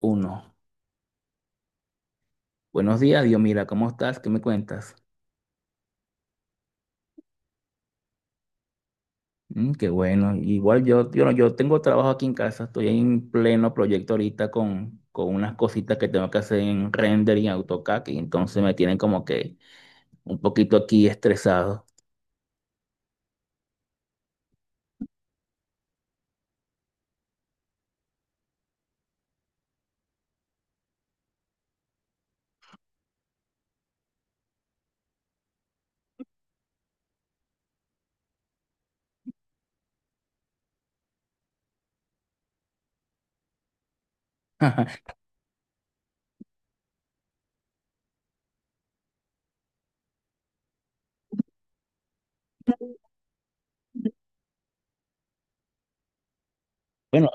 Uno. Buenos días, Dios, mira, ¿cómo estás? ¿Qué me cuentas? Mm, qué bueno. Igual yo, yo, no- yo tengo trabajo aquí en casa, estoy en pleno proyecto ahorita con unas cositas que tengo que hacer en Render y en AutoCAD, y entonces me tienen como que un poquito aquí estresado. Bueno,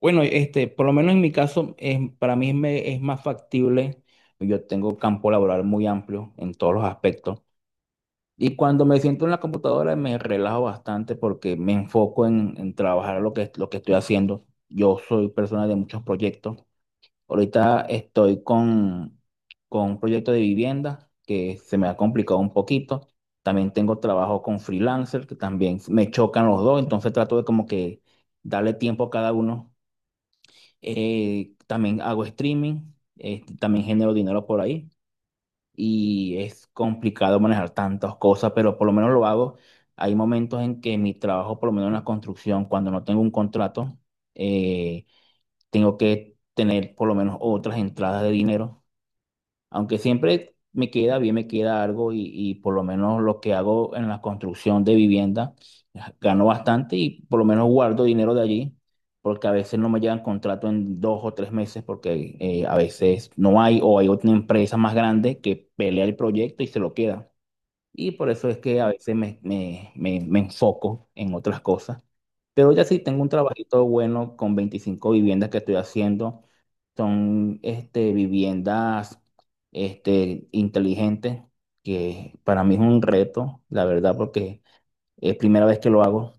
bueno, este, por lo menos en mi caso, para mí es más factible. Yo tengo campo laboral muy amplio en todos los aspectos. Y cuando me siento en la computadora me relajo bastante porque me enfoco en trabajar lo que estoy haciendo. Yo soy persona de muchos proyectos. Ahorita estoy con, con un proyecto de vivienda que se me ha complicado un poquito. También tengo trabajo con freelancer que también me chocan los dos. Entonces trato de como que darle tiempo a cada uno. También hago streaming, también genero dinero por ahí y es complicado manejar tantas cosas, pero por lo menos lo hago. Hay momentos en que mi trabajo, por lo menos en la construcción, cuando no tengo un contrato, eh, tengo que tener por lo menos otras entradas de dinero, aunque siempre me queda bien, me queda algo y por lo menos lo que hago en la construcción de vivienda, ah, gano bastante y por lo menos guardo dinero de allí, porque a veces no me llegan contrato en 2 o 3 meses, porque a veces no hay o hay otra empresa más grande que pelea el proyecto y se lo queda. Y por eso es que a veces me enfoco en otras cosas, pero ya sí tengo un trabajito bueno con 25 viviendas que estoy haciendo. Son este, viviendas este, inteligentes, que para mí es un reto, la verdad, porque es primera vez que lo hago,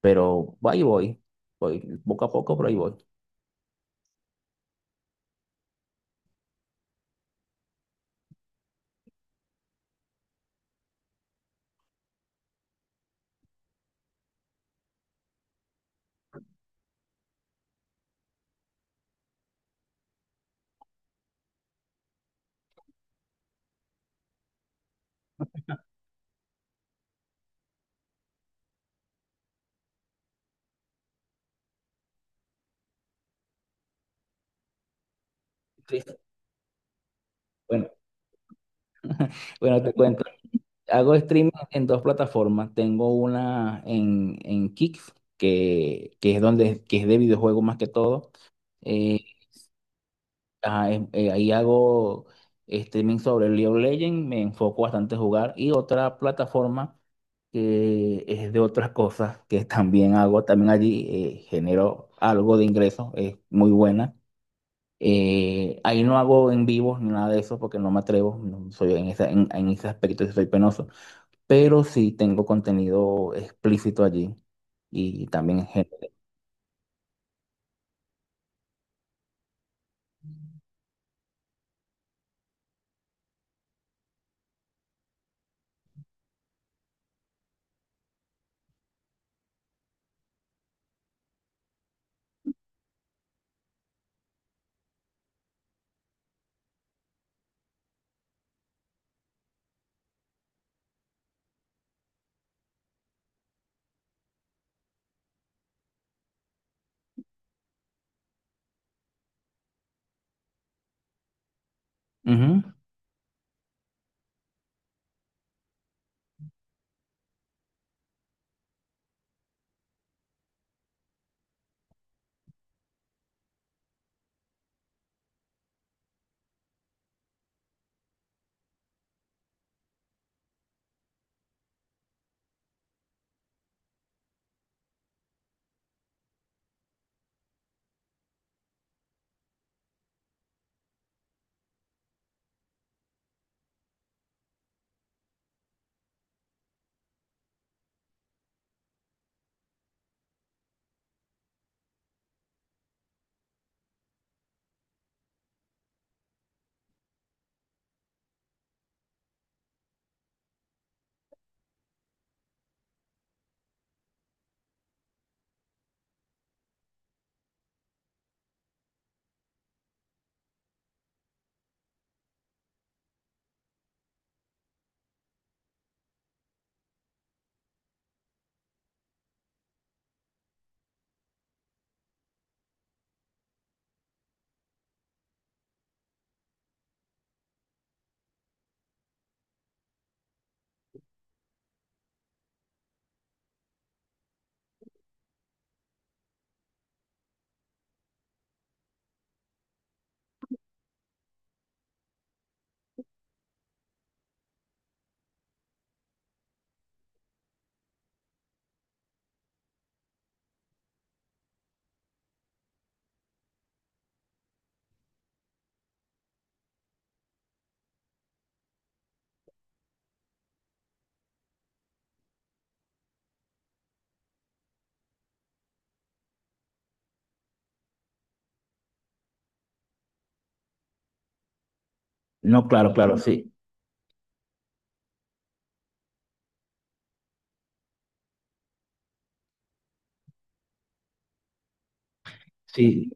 pero ahí voy, voy poco a poco, pero ahí voy. Sí. Bueno, bueno, te cuento. Hago streaming en dos plataformas. Tengo una en Kick, que es de videojuegos más que todo. Eh, Ajá, ahí hago streaming sobre League of Legends, me enfoco bastante a jugar y otra plataforma que es de otras cosas que también hago, también allí genero algo de ingresos, es muy buena. Ahí no hago en vivo ni nada de eso porque no me atrevo, no soy en en ese aspecto sí soy penoso, pero sí tengo contenido explícito allí y también genero. Ujú. No, claro, claro, sí, sí.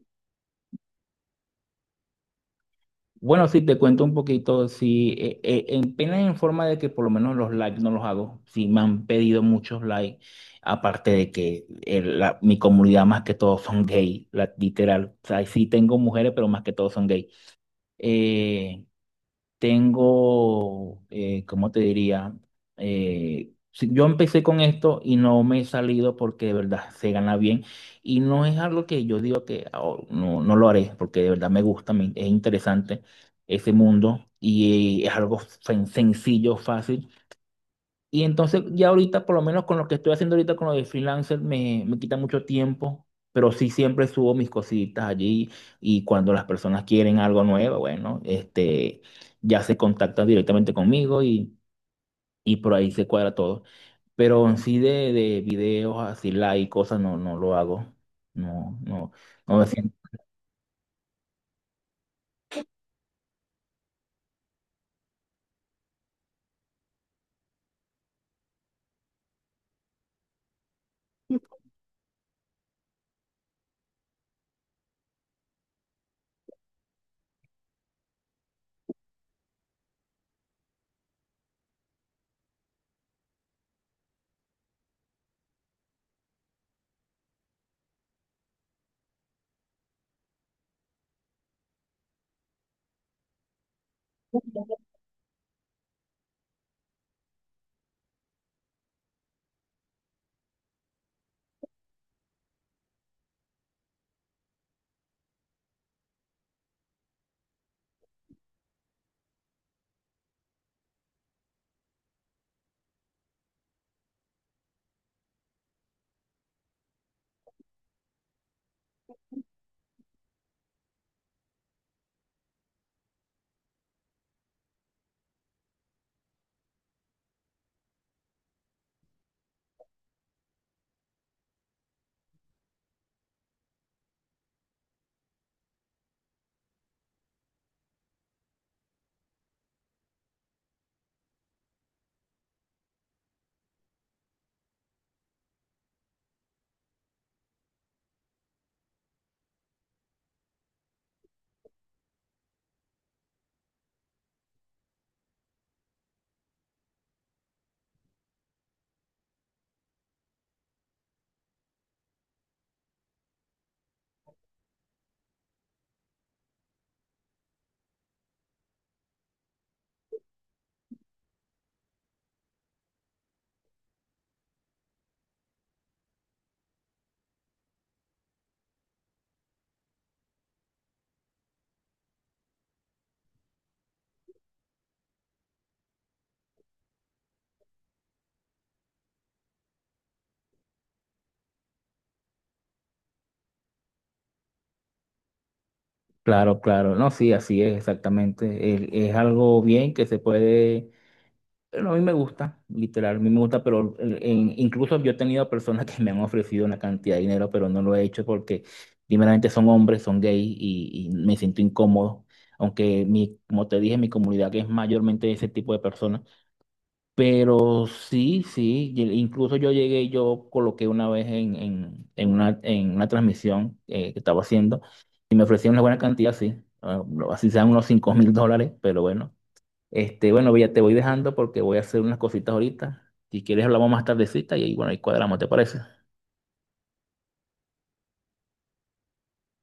Bueno, sí, te cuento un poquito. Sí, en pena en forma de que por lo menos los likes no los hago. Sí, me han pedido muchos likes. Aparte de que mi comunidad más que todo son gay, la- literal. O sea, sí tengo mujeres, pero más que todo son gay. Eh, tengo, ¿cómo te diría? Yo empecé con esto y no me he salido porque de verdad se gana bien y no es algo que yo digo que "Oh, no, no lo haré", porque de verdad me gusta, es interesante ese mundo y es algo sencillo, fácil. Y entonces ya ahorita, por lo menos con lo que estoy haciendo ahorita con lo de freelancer, me quita mucho tiempo, pero sí siempre subo mis cositas allí y cuando las personas quieren algo nuevo, bueno, este, ya se contactan directamente conmigo y por ahí se cuadra todo. Pero en sí de videos así live y cosas no, no lo hago. No, no, no me siento. Claro, claro. No, sí, así es exactamente. Es algo bien que se puede. Pero a mí me gusta, literal, a mí me gusta, pero incluso yo he tenido personas que me han ofrecido una cantidad de dinero, pero no lo he hecho porque primeramente son hombres, son gays y me siento incómodo, aunque mi, como te dije, mi comunidad que es mayormente de ese tipo de personas, pero sí, sí, incluso yo llegué, y yo coloqué una vez en una transmisión que estaba haciendo y me ofrecieron una buena cantidad, sí, ah, así sean unos $5.000, pero bueno. Este, bueno, ya te voy dejando porque voy a hacer unas cositas ahorita. Si quieres hablamos más tardecita y ahí, bueno, ahí cuadramos, ¿te parece?